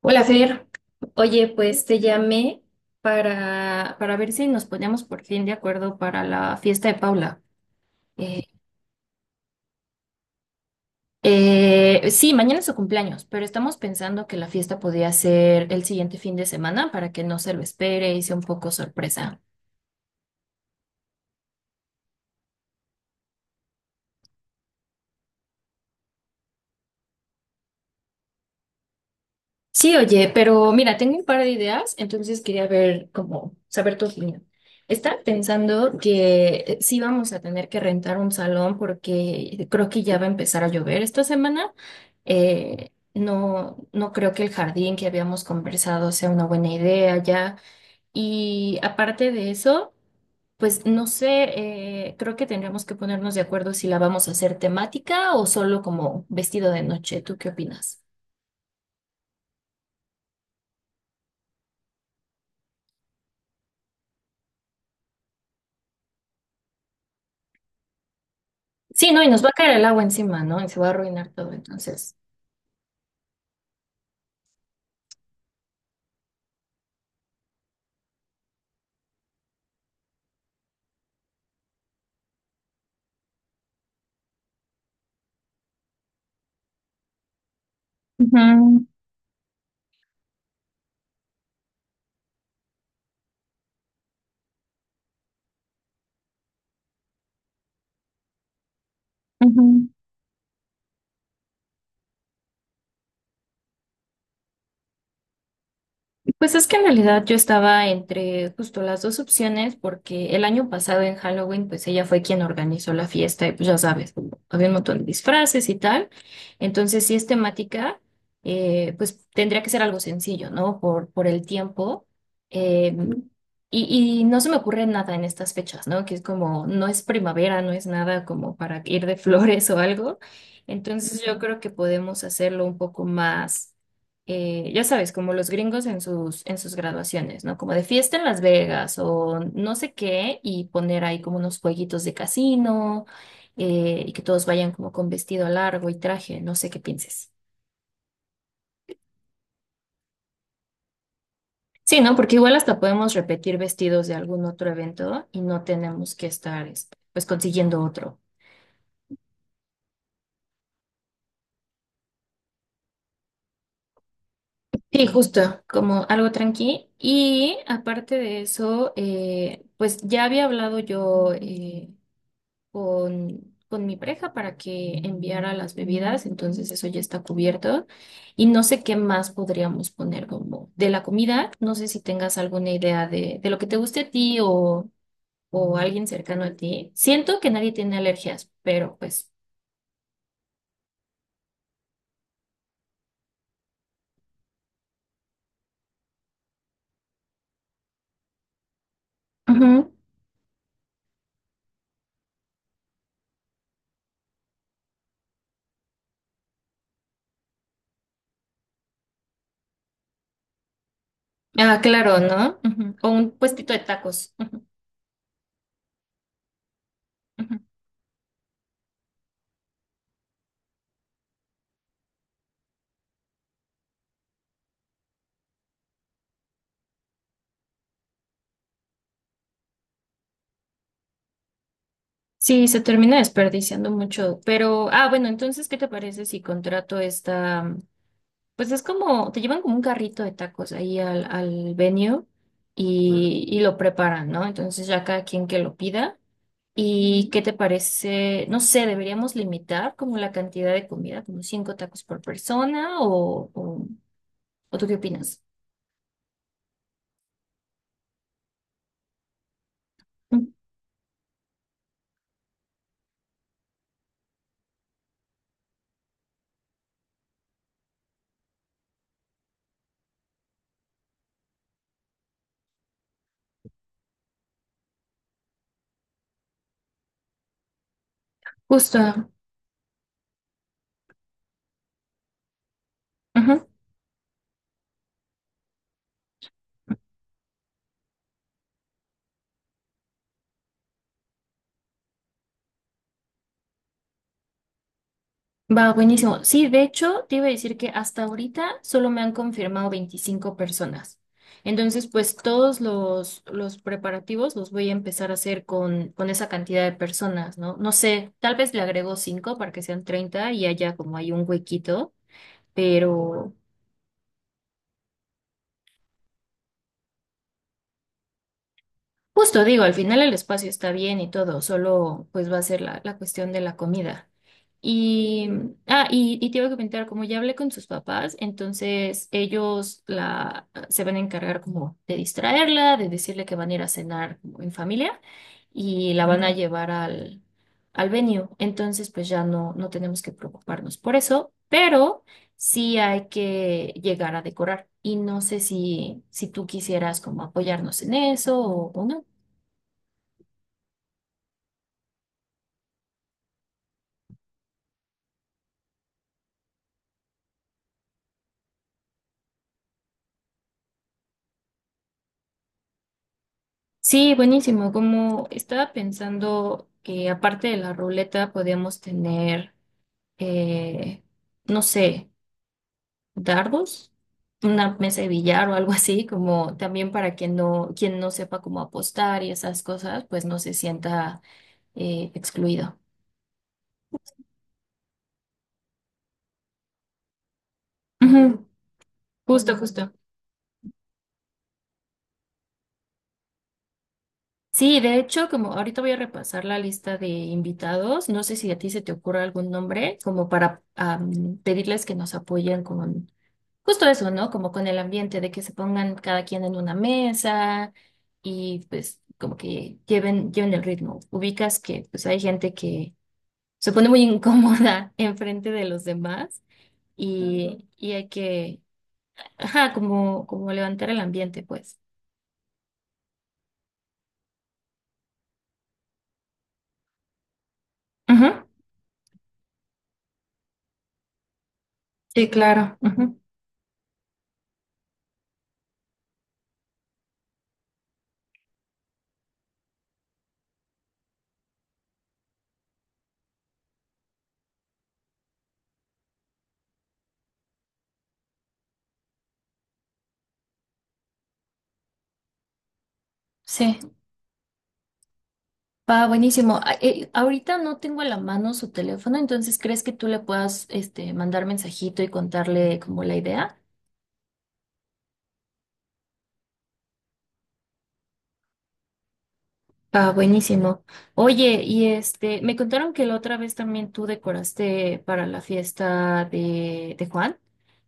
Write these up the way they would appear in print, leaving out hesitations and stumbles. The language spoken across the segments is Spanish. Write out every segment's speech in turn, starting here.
Hola, Fer. Oye, pues te llamé para ver si nos poníamos por fin de acuerdo para la fiesta de Paula. Eh, sí, mañana es su cumpleaños, pero estamos pensando que la fiesta podía ser el siguiente fin de semana para que no se lo espere y sea un poco sorpresa. Sí, oye, pero mira, tengo un par de ideas, entonces quería ver cómo, saber tu opinión. Estaba pensando que sí vamos a tener que rentar un salón porque creo que ya va a empezar a llover esta semana. No, no creo que el jardín que habíamos conversado sea una buena idea ya. Y aparte de eso, pues no sé, creo que tendríamos que ponernos de acuerdo si la vamos a hacer temática o solo como vestido de noche. ¿Tú qué opinas? Sí, no, y nos va a caer el agua encima, ¿no? Y se va a arruinar todo, entonces. Ujú, ujú. Pues es que en realidad yo estaba entre justo las dos opciones porque el año pasado en Halloween pues ella fue quien organizó la fiesta y pues ya sabes, había un montón de disfraces y tal. Entonces si es temática, pues tendría que ser algo sencillo, ¿no? Por el tiempo. Eh, y no se me ocurre nada en estas fechas, ¿no? Que es como, no es primavera, no es nada como para ir de flores o algo. Entonces yo creo que podemos hacerlo un poco más ya sabes, como los gringos en sus graduaciones, ¿no? Como de fiesta en Las Vegas o no sé qué, y poner ahí como unos jueguitos de casino, y que todos vayan como con vestido largo y traje, no sé qué pienses. Sí, ¿no? Porque igual hasta podemos repetir vestidos de algún otro evento y no tenemos que estar, este, pues, consiguiendo otro. Sí, justo, como algo tranqui. Y aparte de eso, pues ya había hablado yo con mi pareja para que enviara las bebidas, entonces eso ya está cubierto. Y no sé qué más podríamos poner como de la comida, no sé si tengas alguna idea de lo que te guste a ti o alguien cercano a ti. Siento que nadie tiene alergias, pero pues. Ujú. Ah, claro, ¿no? Ujú. O un puestito de tacos. Ujú, ujú. Sí, se termina desperdiciando mucho, pero, ah, bueno, entonces, ¿qué te parece si contrato esta. Pues es como, te llevan como un carrito de tacos ahí al venue y lo preparan, ¿no? Entonces ya cada quien que lo pida. ¿Y qué te parece? No sé, deberíamos limitar como la cantidad de comida, como cinco tacos por persona ¿o tú qué opinas? Mm, Justo. Ujú. Va, buenísimo. Sí, de hecho, te iba a decir que hasta ahorita solo me han confirmado 25 personas. Entonces, pues todos los preparativos los voy a empezar a hacer con esa cantidad de personas, ¿no? No sé, tal vez le agrego 5 para que sean 30 y haya como hay un huequito, pero. Justo digo, al final el espacio está bien y todo, solo pues va a ser la cuestión de la comida. Y, ah, y te iba a comentar, como ya hablé con sus papás, entonces ellos la, se van a encargar como de distraerla, de decirle que van a ir a cenar como en familia y la van a llevar al venue. Entonces pues ya no, no tenemos que preocuparnos por eso, pero sí hay que llegar a decorar. Y no sé si tú quisieras como apoyarnos en eso o no. Sí, buenísimo. Como estaba pensando que aparte de la ruleta podíamos tener, eh, no sé, dardos, una mesa de billar o algo así, como también para quien no sepa cómo apostar y esas cosas, pues no se sienta excluido. Ujú. Justo, justo. Sí, de hecho, como ahorita voy a repasar la lista de invitados, no sé si a ti se te ocurre algún nombre, como para pedirles que nos apoyen con justo eso, ¿no? Como con el ambiente de que se pongan cada quien en una mesa y pues como que lleven el ritmo. Ubicas que pues hay gente que se pone muy incómoda enfrente de los demás y hay que, ajá, como levantar el ambiente, pues. Ujú. Sí, claro. Ujú. Sí. Va, buenísimo. Ahorita no tengo a la mano su teléfono, entonces ¿crees que tú le puedas este, mandar mensajito y contarle como la idea? Ah, buenísimo. Oye, y este, me contaron que la otra vez también tú decoraste para la fiesta de Juan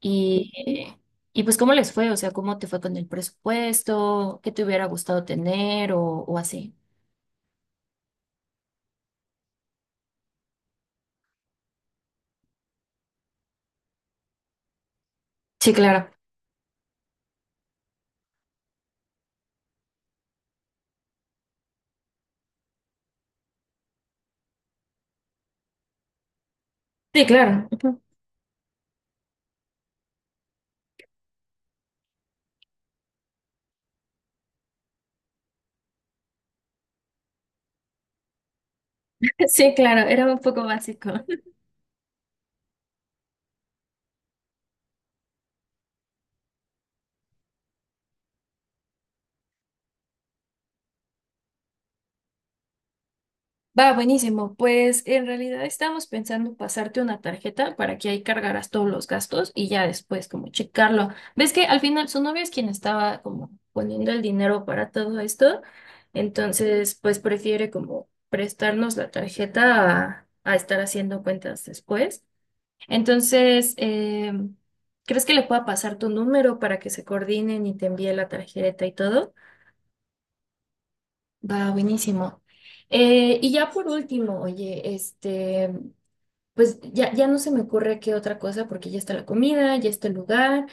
y, eh, y pues ¿cómo les fue? O sea, ¿cómo te fue con el presupuesto? ¿Qué te hubiera gustado tener o así? Sí, claro. Sí, claro. Ujú. Sí, claro, era un poco básico. Va, buenísimo. Pues en realidad estábamos pensando pasarte una tarjeta para que ahí cargaras todos los gastos y ya después como checarlo. ¿Ves que al final su novia es quien estaba como poniendo el dinero para todo esto? Entonces, pues prefiere como prestarnos la tarjeta a estar haciendo cuentas después. Entonces, ¿crees que le pueda pasar tu número para que se coordinen y te envíe la tarjeta y todo? Va, buenísimo. Y ya por último, oye, este, pues ya no se me ocurre qué otra cosa, porque ya está la comida, ya está el lugar,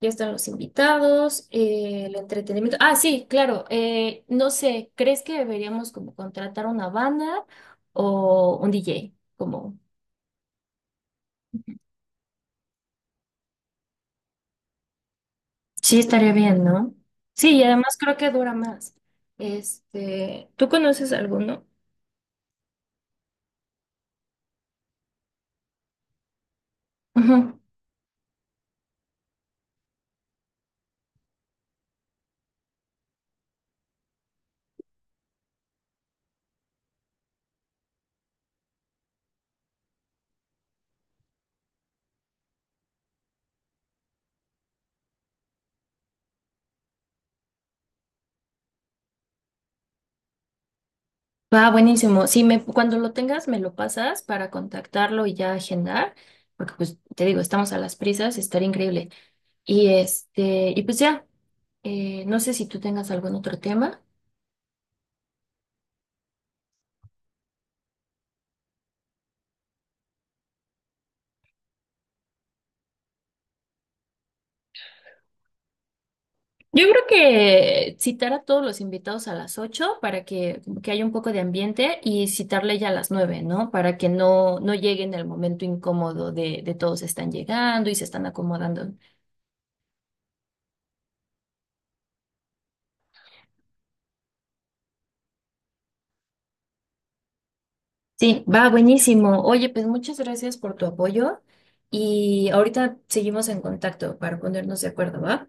ya están los invitados, el entretenimiento. Ah, sí, claro, no sé, ¿crees que deberíamos como contratar una banda o un DJ? Como, sí, estaría bien, ¿no? Sí, y además creo que dura más. Este, ¿tú conoces alguno? Ujú. Va, buenísimo. Sí, cuando lo tengas, me lo pasas para contactarlo y ya agendar, porque pues te digo, estamos a las prisas, estaría increíble. Y este, y pues ya, no sé si tú tengas algún otro tema. Yo creo que citar a todos los invitados a las 8 para que, como que haya un poco de ambiente y citarle ya a las 9, ¿no? Para que no, no llegue en el momento incómodo de todos están llegando y se están acomodando. Sí, va buenísimo. Oye, pues muchas gracias por tu apoyo y ahorita seguimos en contacto para ponernos de acuerdo, ¿va?